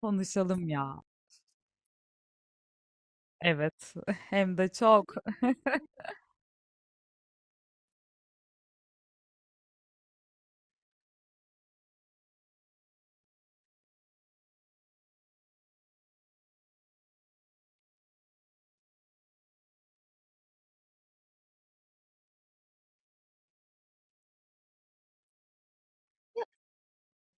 Konuşalım ya. Evet, hem de çok.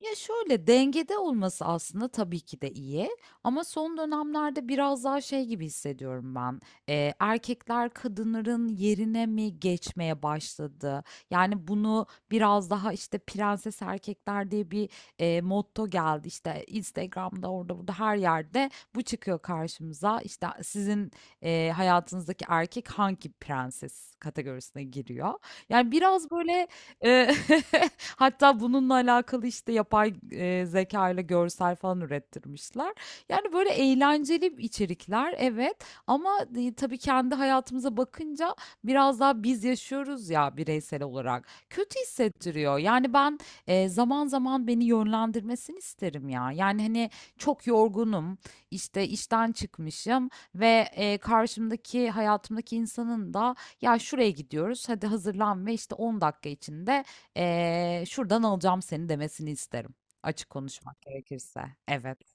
Ya şöyle dengede olması aslında tabii ki de iyi ama son dönemlerde biraz daha şey gibi hissediyorum ben. Erkekler kadınların yerine mi geçmeye başladı? Yani bunu biraz daha işte prenses erkekler diye bir motto geldi. İşte Instagram'da orada burada her yerde bu çıkıyor karşımıza. İşte sizin hayatınızdaki erkek hangi prenses kategorisine giriyor? Yani biraz böyle. Eee, hatta bununla alakalı, işte, yapay, zeka ile görsel falan ürettirmişler. Yani, böyle eğlenceli içerikler, evet, ama tabii kendi hayatımıza bakınca biraz daha biz yaşıyoruz ya bireysel olarak. Kötü hissettiriyor. Yani, ben, zaman zaman beni yönlendirmesini isterim ya. Yani, hani, çok yorgunum, işte, işten çıkmışım ve, karşımdaki hayatımdaki insanın da ya şuraya gidiyoruz. Hadi hazırlan ve işte 10 dakika içinde şuradan alacağım seni demesini isterim. Açık konuşmak gerekirse. Evet.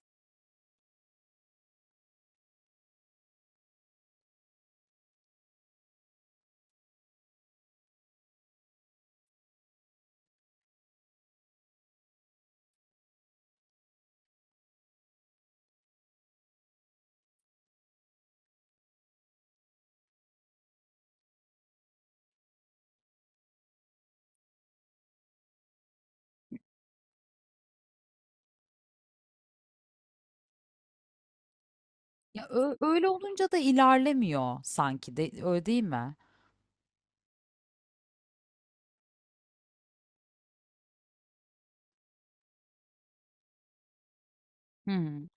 Ya öyle olunca da ilerlemiyor sanki de öyle değil mi? Hı hı.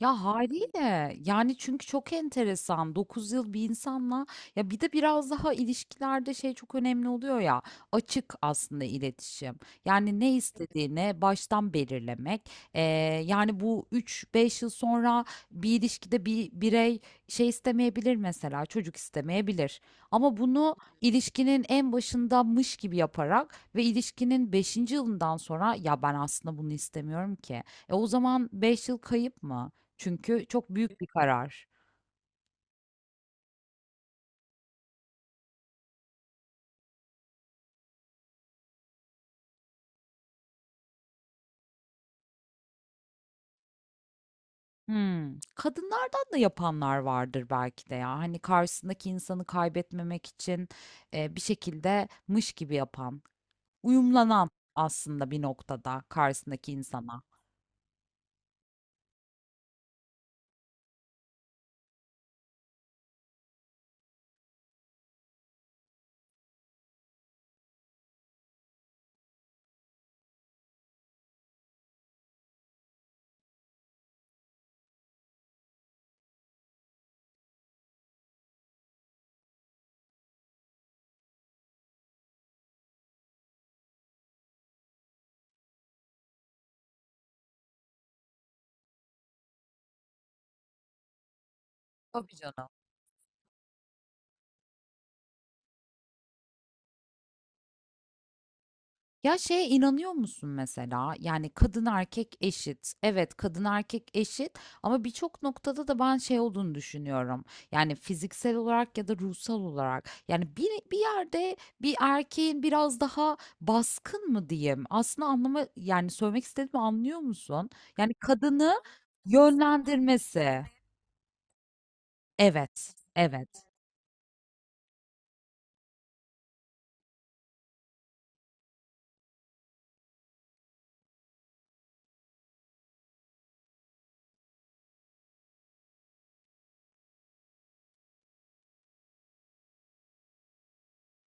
Ya haliyle, yani çünkü çok enteresan, 9 yıl bir insanla, ya bir de biraz daha ilişkilerde şey çok önemli oluyor ya, açık aslında iletişim, yani ne istediğini baştan belirlemek. Yani bu üç beş yıl sonra bir ilişkide bir birey şey istemeyebilir, mesela çocuk istemeyebilir, ama bunu ilişkinin en başındamış gibi yaparak ve ilişkinin beşinci yılından sonra ya ben aslında bunu istemiyorum ki. E o zaman 5 yıl kayıp mı? Çünkü çok büyük bir karar. Hımm. Kadınlardan da yapanlar vardır belki de ya. Hani, karşısındaki insanı kaybetmemek için, bir şekilde mış gibi yapan, uyumlanan aslında bir noktada karşısındaki insana. Tabii canım. Ya şeye inanıyor musun mesela? Yani kadın erkek eşit. Evet, kadın erkek eşit ama birçok noktada da ben şey olduğunu düşünüyorum. Yani fiziksel olarak ya da ruhsal olarak. Yani bir yerde bir erkeğin biraz daha baskın mı diyeyim? Aslında anlama, yani söylemek istediğimi anlıyor musun? Yani kadını yönlendirmesi. Evet, evet.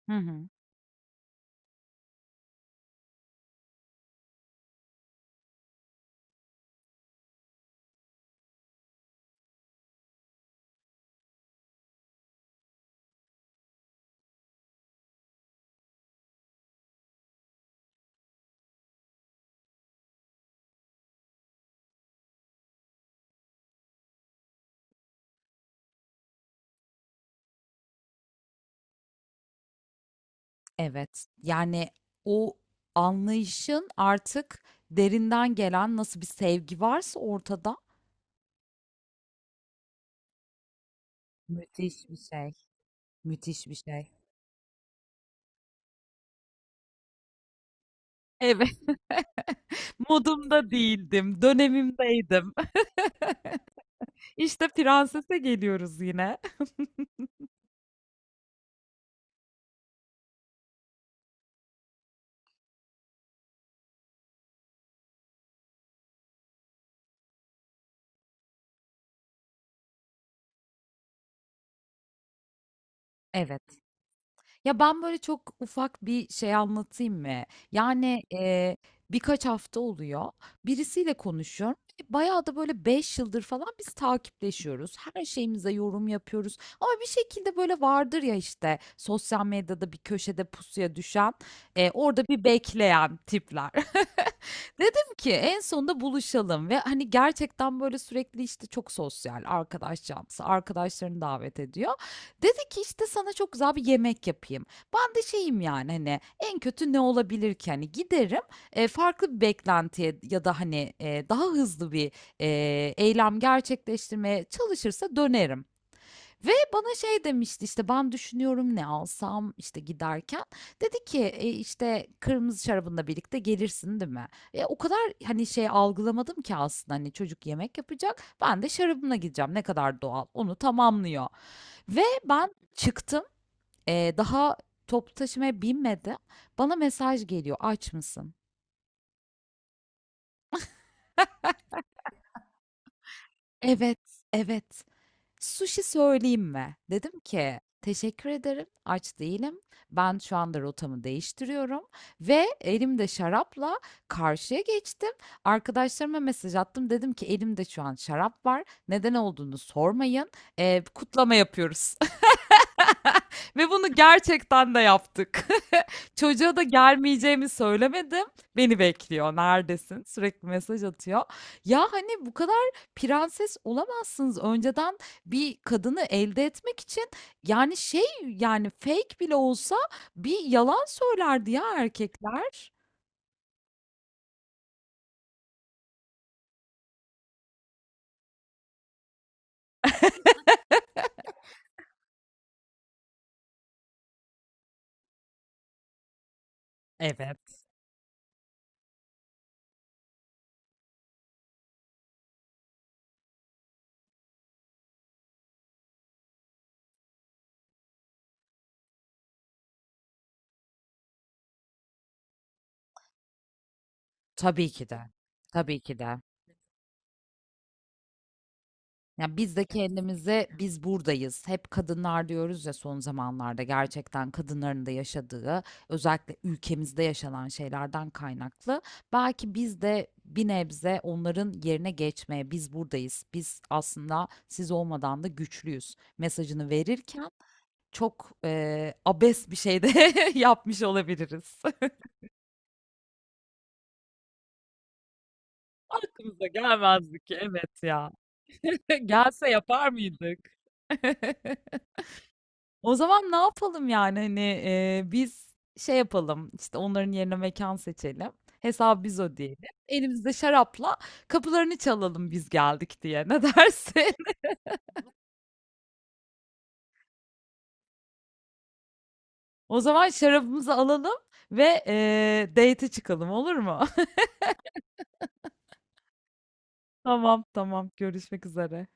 Hı hı. Evet. Yani o anlayışın artık derinden gelen nasıl bir sevgi varsa ortada. Müthiş bir şey. Müthiş bir şey. Evet. Modumda değildim, dönemimdeydim. İşte prensese geliyoruz yine. Evet. Ya, ben, böyle, çok ufak bir şey anlatayım mı? Yani, birkaç hafta oluyor. Birisiyle konuşuyorum. Bayağı da, böyle, 5 yıldır falan biz takipleşiyoruz. Her şeyimize yorum yapıyoruz ama bir şekilde, böyle, vardır ya, işte, sosyal medyada bir köşede pusuya düşen, orada bir bekleyen tipler. Dedim ki en sonunda buluşalım, ve hani gerçekten böyle sürekli işte çok sosyal arkadaş canlısı, arkadaşlarını davet ediyor. Dedi ki işte sana çok güzel bir yemek yapayım. Ben de şeyim yani, hani en kötü ne olabilir ki, hani giderim, farklı bir beklentiye ya da hani daha hızlı bir e, eylem gerçekleştirmeye çalışırsa dönerim. Ve bana şey demişti işte, ben düşünüyorum ne alsam işte giderken. Dedi ki, "E, işte kırmızı şarabınla birlikte gelirsin değil mi? O kadar hani şey algılamadım ki aslında, hani çocuk yemek yapacak. Ben de şarabımla gideceğim, ne kadar doğal onu tamamlıyor." Ve ben çıktım, daha toplu taşımaya binmedi. Bana mesaj geliyor, aç mısın? Evet, evet. "Sushi söyleyeyim mi?" Dedim ki, "Teşekkür ederim, aç değilim. Ben şu anda rotamı değiştiriyorum." Ve elimde şarapla karşıya geçtim. Arkadaşlarıma mesaj attım. Dedim ki, "Elimde şu an şarap var. Neden olduğunu sormayın. Kutlama yapıyoruz." Ve bunu gerçekten de yaptık. Çocuğa da gelmeyeceğimi söylemedim. Beni bekliyor. Neredesin? Sürekli mesaj atıyor. Ya hani bu kadar prenses olamazsınız. Önceden bir kadını elde etmek için, yani şey, yani fake bile olsa bir yalan söylerdi ya erkekler. Evet. Tabii ki de. Tabii ki de. Ya biz de kendimize, biz buradayız. Hep kadınlar diyoruz ya son zamanlarda, gerçekten kadınların da yaşadığı özellikle ülkemizde yaşanan şeylerden kaynaklı. Belki biz de bir nebze onların yerine geçmeye, biz buradayız, biz aslında siz olmadan da güçlüyüz mesajını verirken çok abes bir şey de yapmış olabiliriz. Aklımıza gelmezdi ki evet ya. Gelse yapar mıydık? O zaman ne yapalım yani, hani biz şey yapalım, işte onların yerine mekan seçelim. Hesabı biz ödeyelim. Elimizde şarapla kapılarını çalalım, biz geldik diye. Ne dersin? O zaman şarabımızı alalım ve date'e çıkalım, olur mu? Tamam, tamam, görüşmek üzere.